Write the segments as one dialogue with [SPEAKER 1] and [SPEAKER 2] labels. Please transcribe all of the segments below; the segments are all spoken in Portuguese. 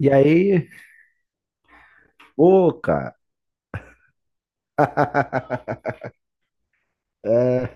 [SPEAKER 1] E aí, ô, cara. É,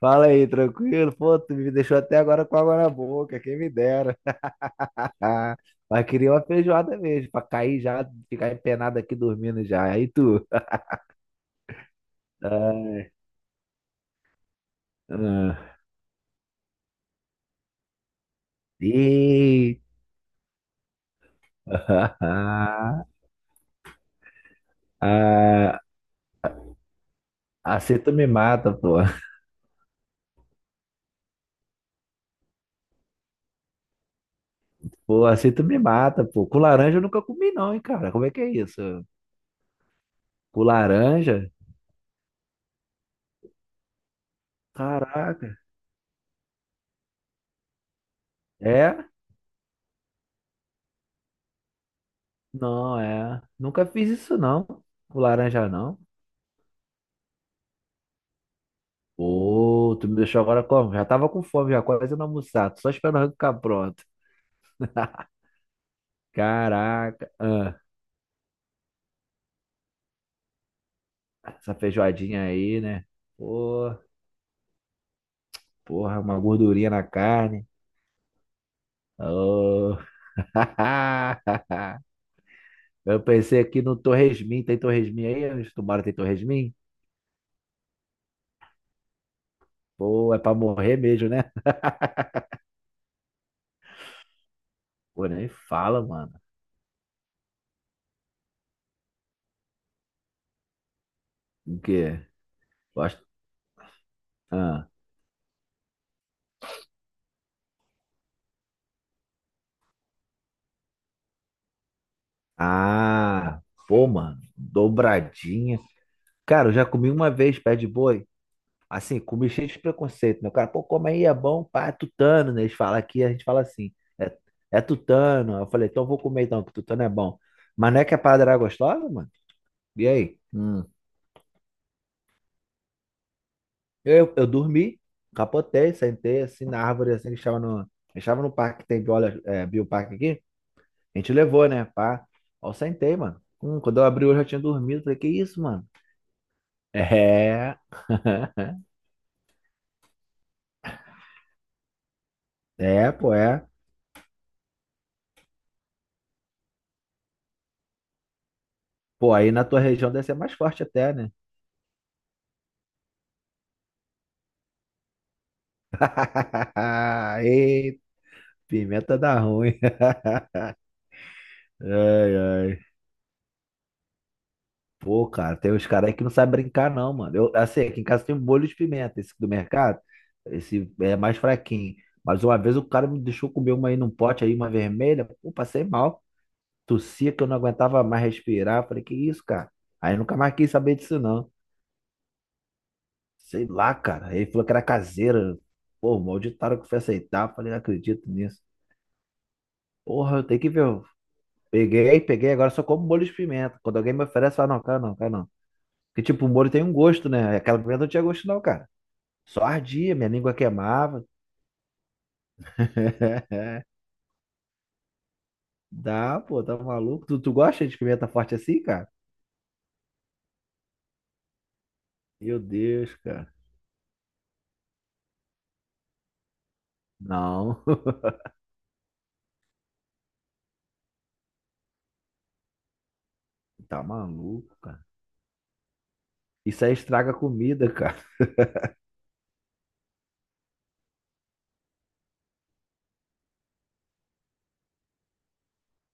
[SPEAKER 1] fala aí, tranquilo? Pô, tu me deixou até agora com água na boca, quem me dera. Ah, mas queria uma feijoada mesmo, pra cair já, ficar empenado aqui dormindo já. Aí tu. Ah, e... ah, assim tu me mata, pô. Pô, assim tu me mata, pô. Com laranja eu nunca comi, não, hein, cara. Como é que é isso? Com laranja? Caraca. É? Não, é. Nunca fiz isso, não. O laranja, não. Pô, tu me deixou agora como? Já tava com fome, já quase não almoçado. Só esperando ficar pronto. Caraca. Essa feijoadinha aí, né? Pô, porra, uma gordurinha na carne. Oh. Eu pensei aqui no Torresmin. Tem Torresmin aí? Onde tu mora tem Torresmin? Pô, é pra morrer mesmo, né? Pô, nem fala, mano. O quê? Gosto. Ah. Ah, Pô, mano, dobradinha. Cara, eu já comi uma vez pé de boi. Assim, comi cheio de preconceito, né? O cara, pô, come aí, é bom, pá, é tutano, né? Eles falam aqui, a gente fala assim, é, é tutano. Eu falei, então eu vou comer então, que tutano é bom. Mas não é que a parada era gostosa, mano? E aí? Eu dormi, capotei, sentei assim na árvore, assim, que estava no parque, que tem biola, é, bioparque aqui. A gente levou, né, pá. Ó, eu sentei, mano. Quando eu abri, eu já tinha dormido. Falei, que isso, mano? É. É, pô, é. Pô, aí na tua região deve ser mais forte até, né? Ei, pimenta dá ruim. Ai, ai. Pô, cara, tem uns caras aí que não sabem brincar, não, mano. Eu, assim, aqui em casa tem um molho de pimenta, esse do mercado. Esse é mais fraquinho. Mas uma vez o cara me deixou comer uma aí num pote aí, uma vermelha. Pô, passei mal. Tossia que eu não aguentava mais respirar. Falei, que isso, cara? Aí nunca mais quis saber disso, não. Sei lá, cara. Ele falou que era caseira. Pô, malditaram que foi aceitar. Falei, não acredito nisso. Porra, eu tenho que ver. Eu peguei, peguei, agora só como molho de pimenta. Quando alguém me oferece, fala, não, cara, não, cara, não. Porque, tipo, o molho tem um gosto, né? Aquela pimenta não tinha gosto, não, cara. Só ardia, minha língua queimava. Dá, pô, tá maluco? Tu gosta de pimenta forte assim, cara? Meu Deus, cara. Não, tá maluco, cara. Isso aí estraga a comida, cara.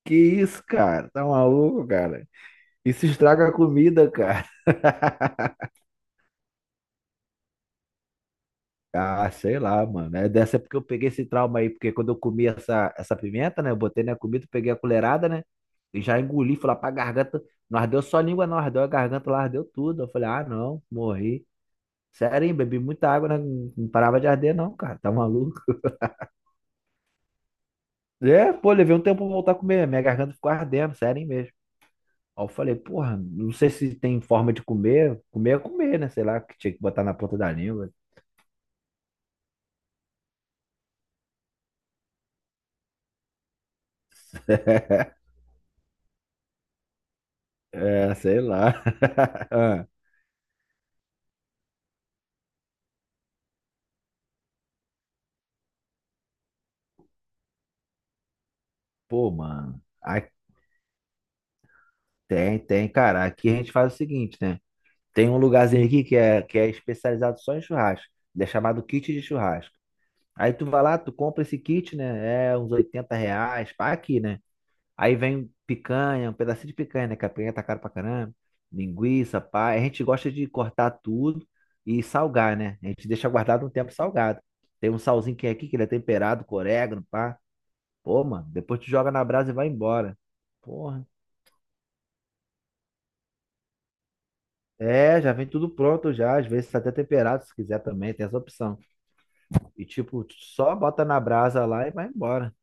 [SPEAKER 1] Que isso, cara? Tá maluco, cara? Isso estraga a comida, cara. Ah, sei lá, mano. É dessa porque eu peguei esse trauma aí, porque quando eu comi essa pimenta, né? Eu botei na comida, peguei a colherada, né? E já engoli, fui lá pra garganta. Não ardeu só a língua, não ardeu a garganta, lá ardeu tudo. Eu falei, ah, não, morri. Sério, hein? Bebi muita água, né? Não parava de arder, não, cara. Tá maluco? É, pô, levei um tempo pra voltar a comer. Minha garganta ficou ardendo, sério, hein, mesmo. Aí eu falei, porra, não sei se tem forma de comer. Comer é comer, né? Sei lá, que tinha que botar na ponta da língua. É, sei lá. Ah, Pô, mano. Tem, cara. Aqui a gente faz o seguinte, né? Tem um lugarzinho aqui que é especializado só em churrasco. Ele é chamado kit de churrasco. Aí tu vai lá, tu compra esse kit, né? É uns R$ 80, pá, aqui, né? Aí vem picanha, um pedacinho de picanha, né? Que a picanha tá cara pra caramba. Linguiça, pá. A gente gosta de cortar tudo e salgar, né? A gente deixa guardado um tempo salgado. Tem um salzinho que é aqui, que ele é temperado com orégano, pá. Pô, mano, depois tu joga na brasa e vai embora. Porra. É, já vem tudo pronto já, às vezes tá até temperado se quiser também, tem essa opção. E tipo, tu só bota na brasa lá e vai embora.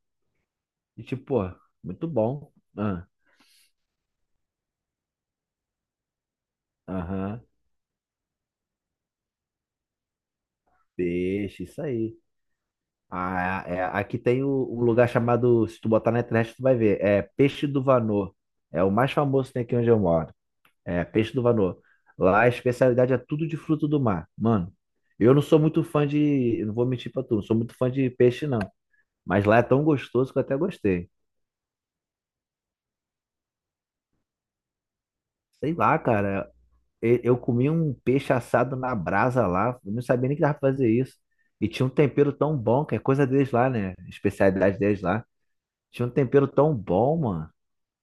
[SPEAKER 1] E tipo, pô, muito bom. Ah, Aham, peixe, isso aí. Ah, é, aqui tem um lugar chamado, se tu botar na internet tu vai ver, é Peixe do Vanô. É o mais famoso que tem aqui onde eu moro. É, Peixe do Vanô. Lá a especialidade é tudo de fruto do mar. Mano, eu não sou muito fã de. Eu Não vou mentir pra tu, não sou muito fã de peixe, não. Mas lá é tão gostoso que eu até gostei. Sei lá, cara. Eu comi um peixe assado na brasa lá. Eu não sabia nem que dava pra fazer isso. E tinha um tempero tão bom, que é coisa deles lá, né? Especialidade deles lá. Tinha um tempero tão bom, mano.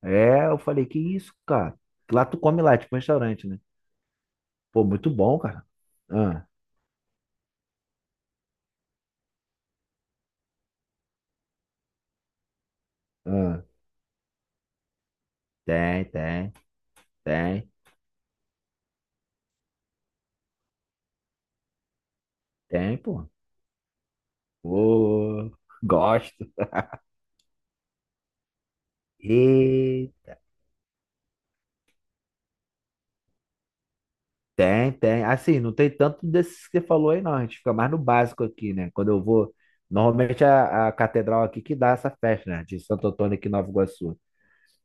[SPEAKER 1] É, eu falei, que isso, cara? Lá tu come lá, é tipo um restaurante, né? Pô, muito bom, cara. Ah, ah. Tem, tem, Tem, Tem, pô. Ô, gosto. E tem. Assim, não tem tanto desses que você falou aí, não. A gente fica mais no básico aqui, né? Quando eu vou. Normalmente a catedral aqui que dá essa festa, né? De Santo Antônio aqui em Nova Iguaçu.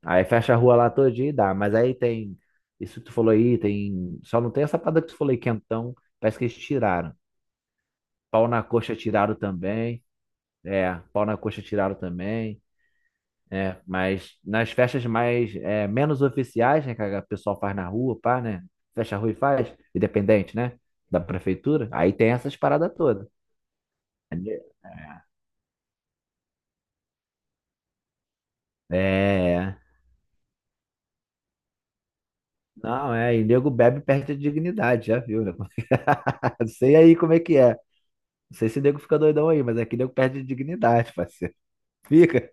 [SPEAKER 1] Aí fecha a rua lá todinha e dá. Mas aí tem. Isso que tu falou aí, tem. Só não tem essa parada que tu falou aí, quentão. Parece que eles tiraram. Pau na coxa tiraram também. É, pau na coxa tiraram também. É, mas nas festas mais é, menos oficiais, né, que a pessoal faz na rua, pá, né? Fecha a rua e faz, independente, né? Da prefeitura, aí tem essas paradas todas. É, não, é, e nego bebe e perde a dignidade, já viu, né? Não sei aí como é que é. Não sei se nego fica doidão aí, mas aqui nego perde a dignidade, parceiro. Fica.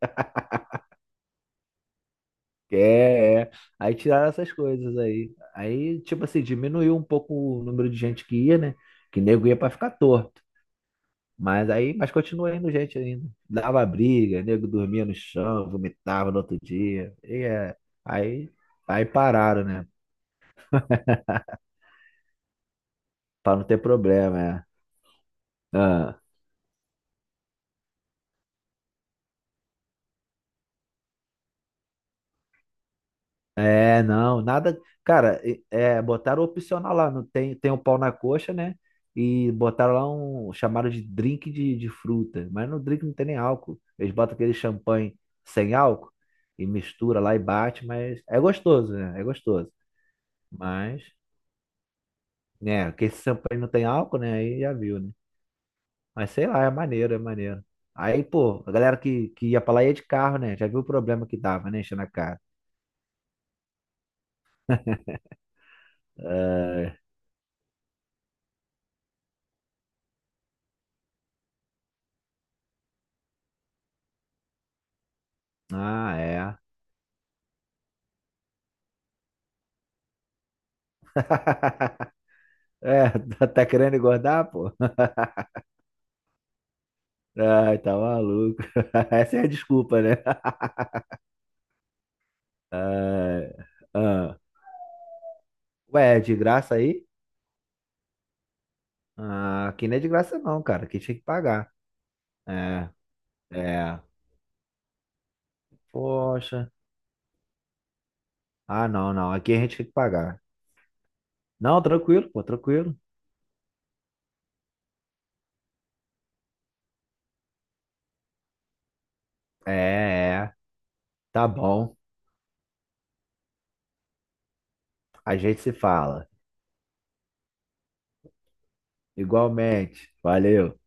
[SPEAKER 1] É, é. Aí tiraram essas coisas aí. Aí, tipo assim, diminuiu um pouco o número de gente que ia, né? Que nego ia pra ficar à toa. Mas aí, mas continua indo gente ainda. Dava briga, nego dormia no chão, vomitava no outro dia. E é, aí, aí pararam, né? Pra não ter problema, é. Ah, é, não, nada. Cara, é, botaram opcional lá, não tem, tem um pau na coxa, né? E botaram lá um chamado de drink de fruta. Mas no drink não tem nem álcool. Eles botam aquele champanhe sem álcool e mistura lá e bate, mas é gostoso, né? É gostoso. Mas. Né? Porque esse champanhe não tem álcool, né? Aí já viu, né? Mas sei lá, é maneiro, é maneiro. Aí, pô, a galera que ia pra lá ia de carro, né? Já viu o problema que dava, né? Enchendo a cara. É. Ah, é. É, tá querendo engordar, pô? Ai, tá maluco. Essa é a desculpa, né? Ai, ah. Ué, é de graça aí? Ah, aqui não é de graça não, cara. Aqui tinha que pagar. É, é. Poxa. Ah, não, não. Aqui a gente tem que pagar. Não, tranquilo, pô, tranquilo. É, é. Tá bom. A gente se fala. Igualmente. Valeu.